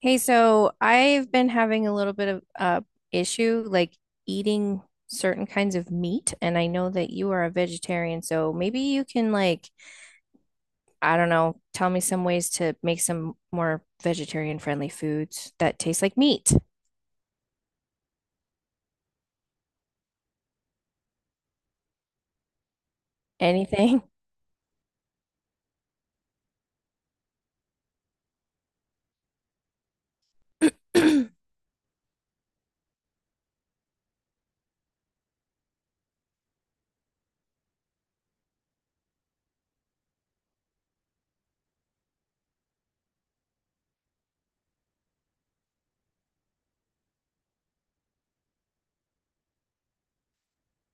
Hey, so I've been having a little bit of issue like eating certain kinds of meat, and I know that you are a vegetarian, so maybe you can, like, I don't know, tell me some ways to make some more vegetarian friendly foods that taste like meat. Anything.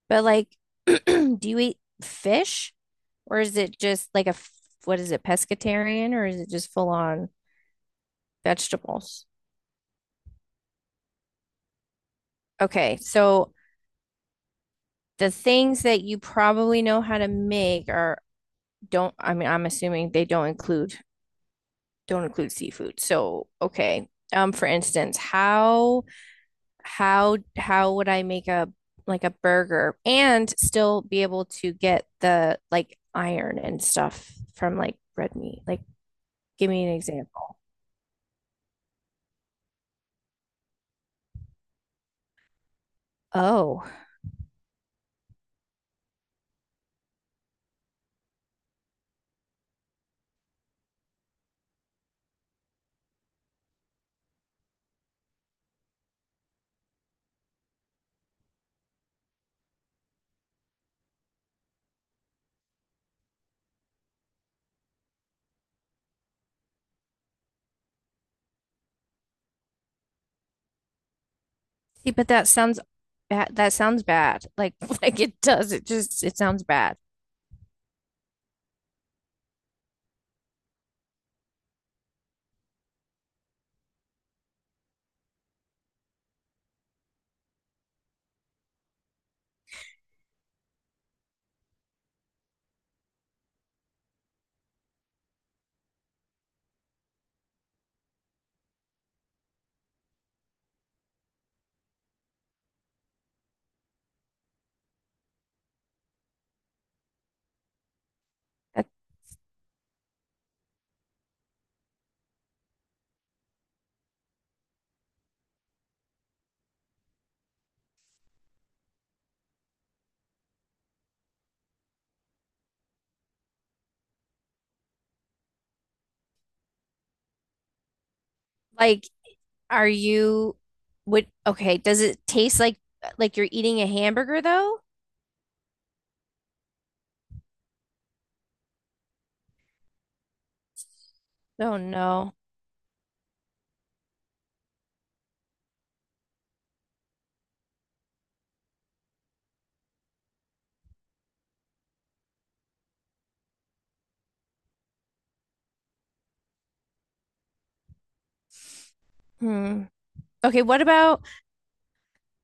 But like, do you eat fish or is it just like a what is it, pescatarian, or is it just full on vegetables? Okay, so the things that you probably know how to make are don't, I mean, I'm assuming they don't include seafood. So, okay. For instance, how how would I make a like a burger and still be able to get, the like, iron and stuff from, like, red meat? Like, give me an example. Oh, see, but that sounds bad. That sounds bad. Like, like it does. It just it sounds bad. That- Like, are you would does it taste like you're eating a hamburger though? Oh no. Hmm. Okay, what about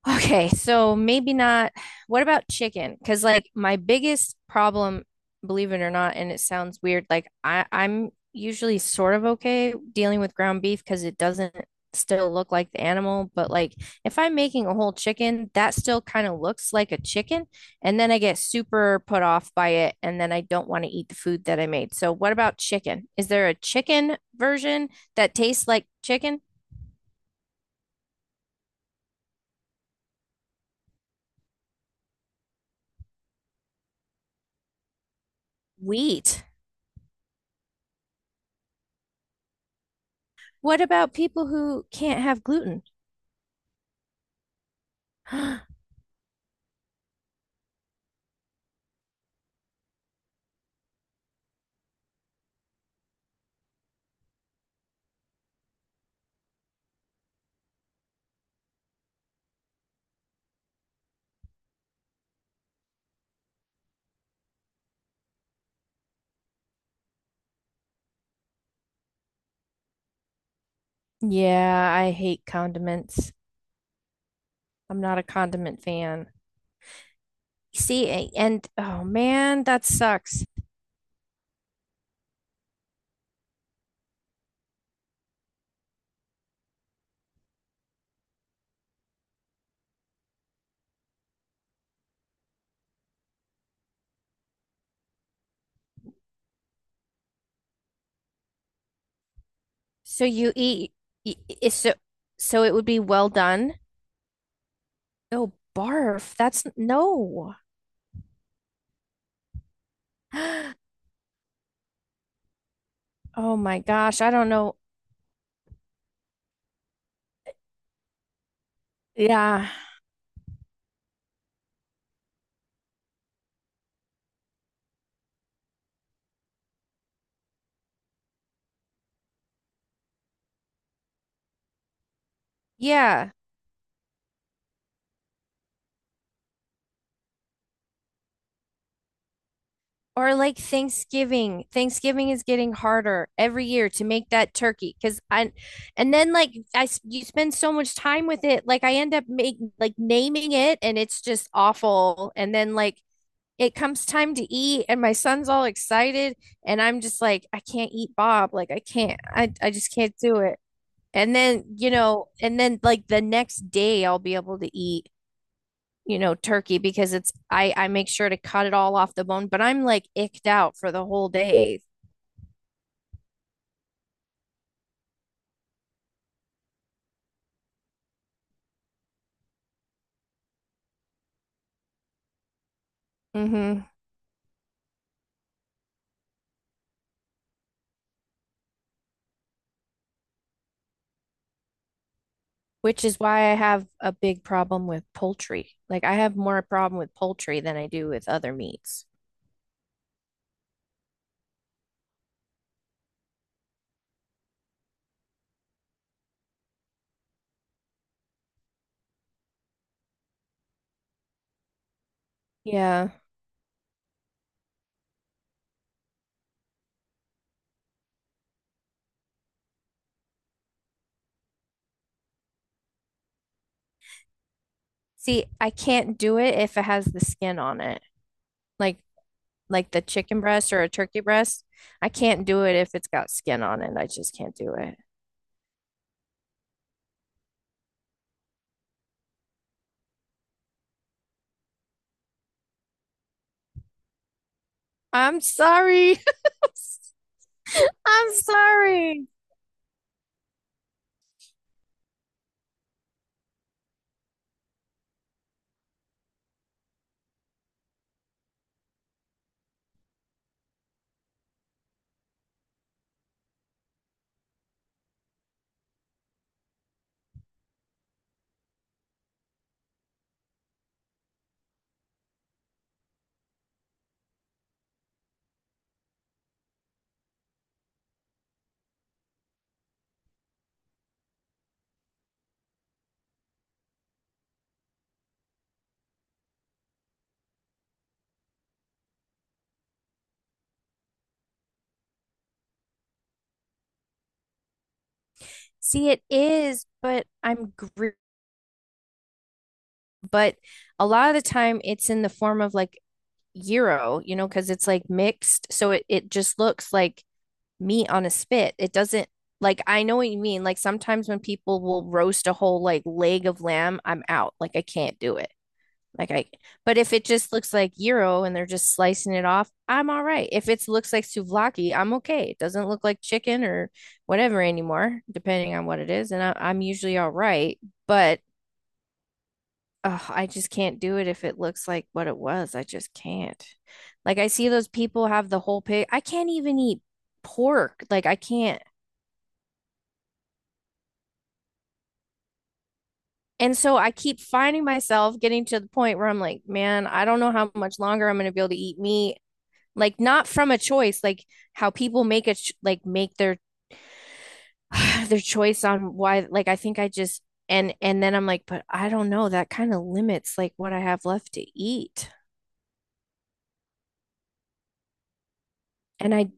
okay, so maybe not what about chicken? Because, like, my biggest problem, believe it or not, and it sounds weird, like I'm usually sort of okay dealing with ground beef because it doesn't still look like the animal, but like if I'm making a whole chicken, that still kind of looks like a chicken, and then I get super put off by it, and then I don't want to eat the food that I made. So what about chicken? Is there a chicken version that tastes like chicken? Wheat. What about people who can't have gluten? Yeah, I hate condiments. I'm not a condiment fan. See, a- and oh man, that sucks. So you eat, so so it would be well done. Oh, barf. That's no. Oh my gosh, I don't know. Yeah. Yeah. Or like Thanksgiving. Thanksgiving is getting harder every year to make that turkey because and then like I you spend so much time with it. Like I end up make like naming it and it's just awful. And then like it comes time to eat and my son's all excited and I'm just like, I can't eat Bob. Like I can't, I just can't do it. And then, you know, and then like the next day I'll be able to eat, you know, turkey because it's I make sure to cut it all off the bone, but I'm like icked out for the whole day. Hmm. Which is why I have a big problem with poultry. Like I have more problem with poultry than I do with other meats. Yeah. See, I can't do it if it has the skin on it. Like like the chicken breast or a turkey breast. I can't do it if it's got skin on it. I just can't do it. I'm sorry. I'm sorry. See, it is, but I'm gr but a lot of the time it's in the form of, like, gyro, you know, because it's, like, mixed. So it just looks like meat on a spit. It doesn't like I know what you mean. Like sometimes when people will roast a whole like leg of lamb, I'm out. Like I can't do it. Like I, but if it just looks like gyro and they're just slicing it off, I'm all right. If it looks like souvlaki, I'm okay. It doesn't look like chicken or whatever anymore, depending on what it is, and I'm usually all right. But oh, I just can't do it if it looks like what it was. I just can't. Like I see those people have the whole pig. I can't even eat pork. Like I can't. And so I keep finding myself getting to the point where I'm like, man, I don't know how much longer I'm going to be able to eat meat. Like not from a choice, like how people make a like make their their choice on why. Like I think I just, and then I'm like, but I don't know, that kind of limits like what I have left to eat and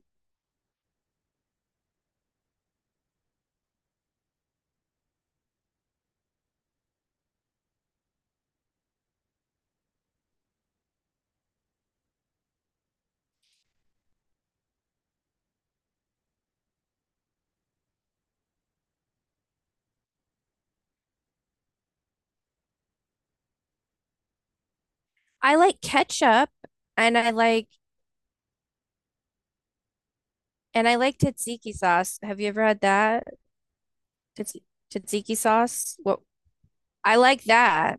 I Like ketchup and I like and I like tzatziki sauce, have you ever had that? Tats Tzatziki sauce, what? I like that,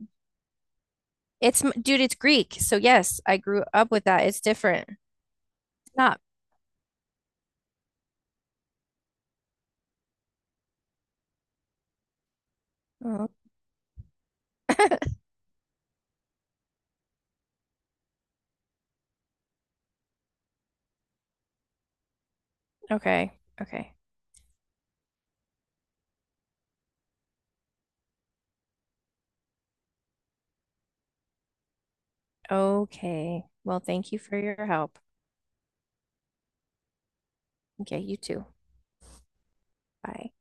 it's dude, it's Greek, so yes, I grew up with that. It's different. It's not. Oh. Okay. Okay. Okay, well, thank you for your help. Okay, you too. Bye.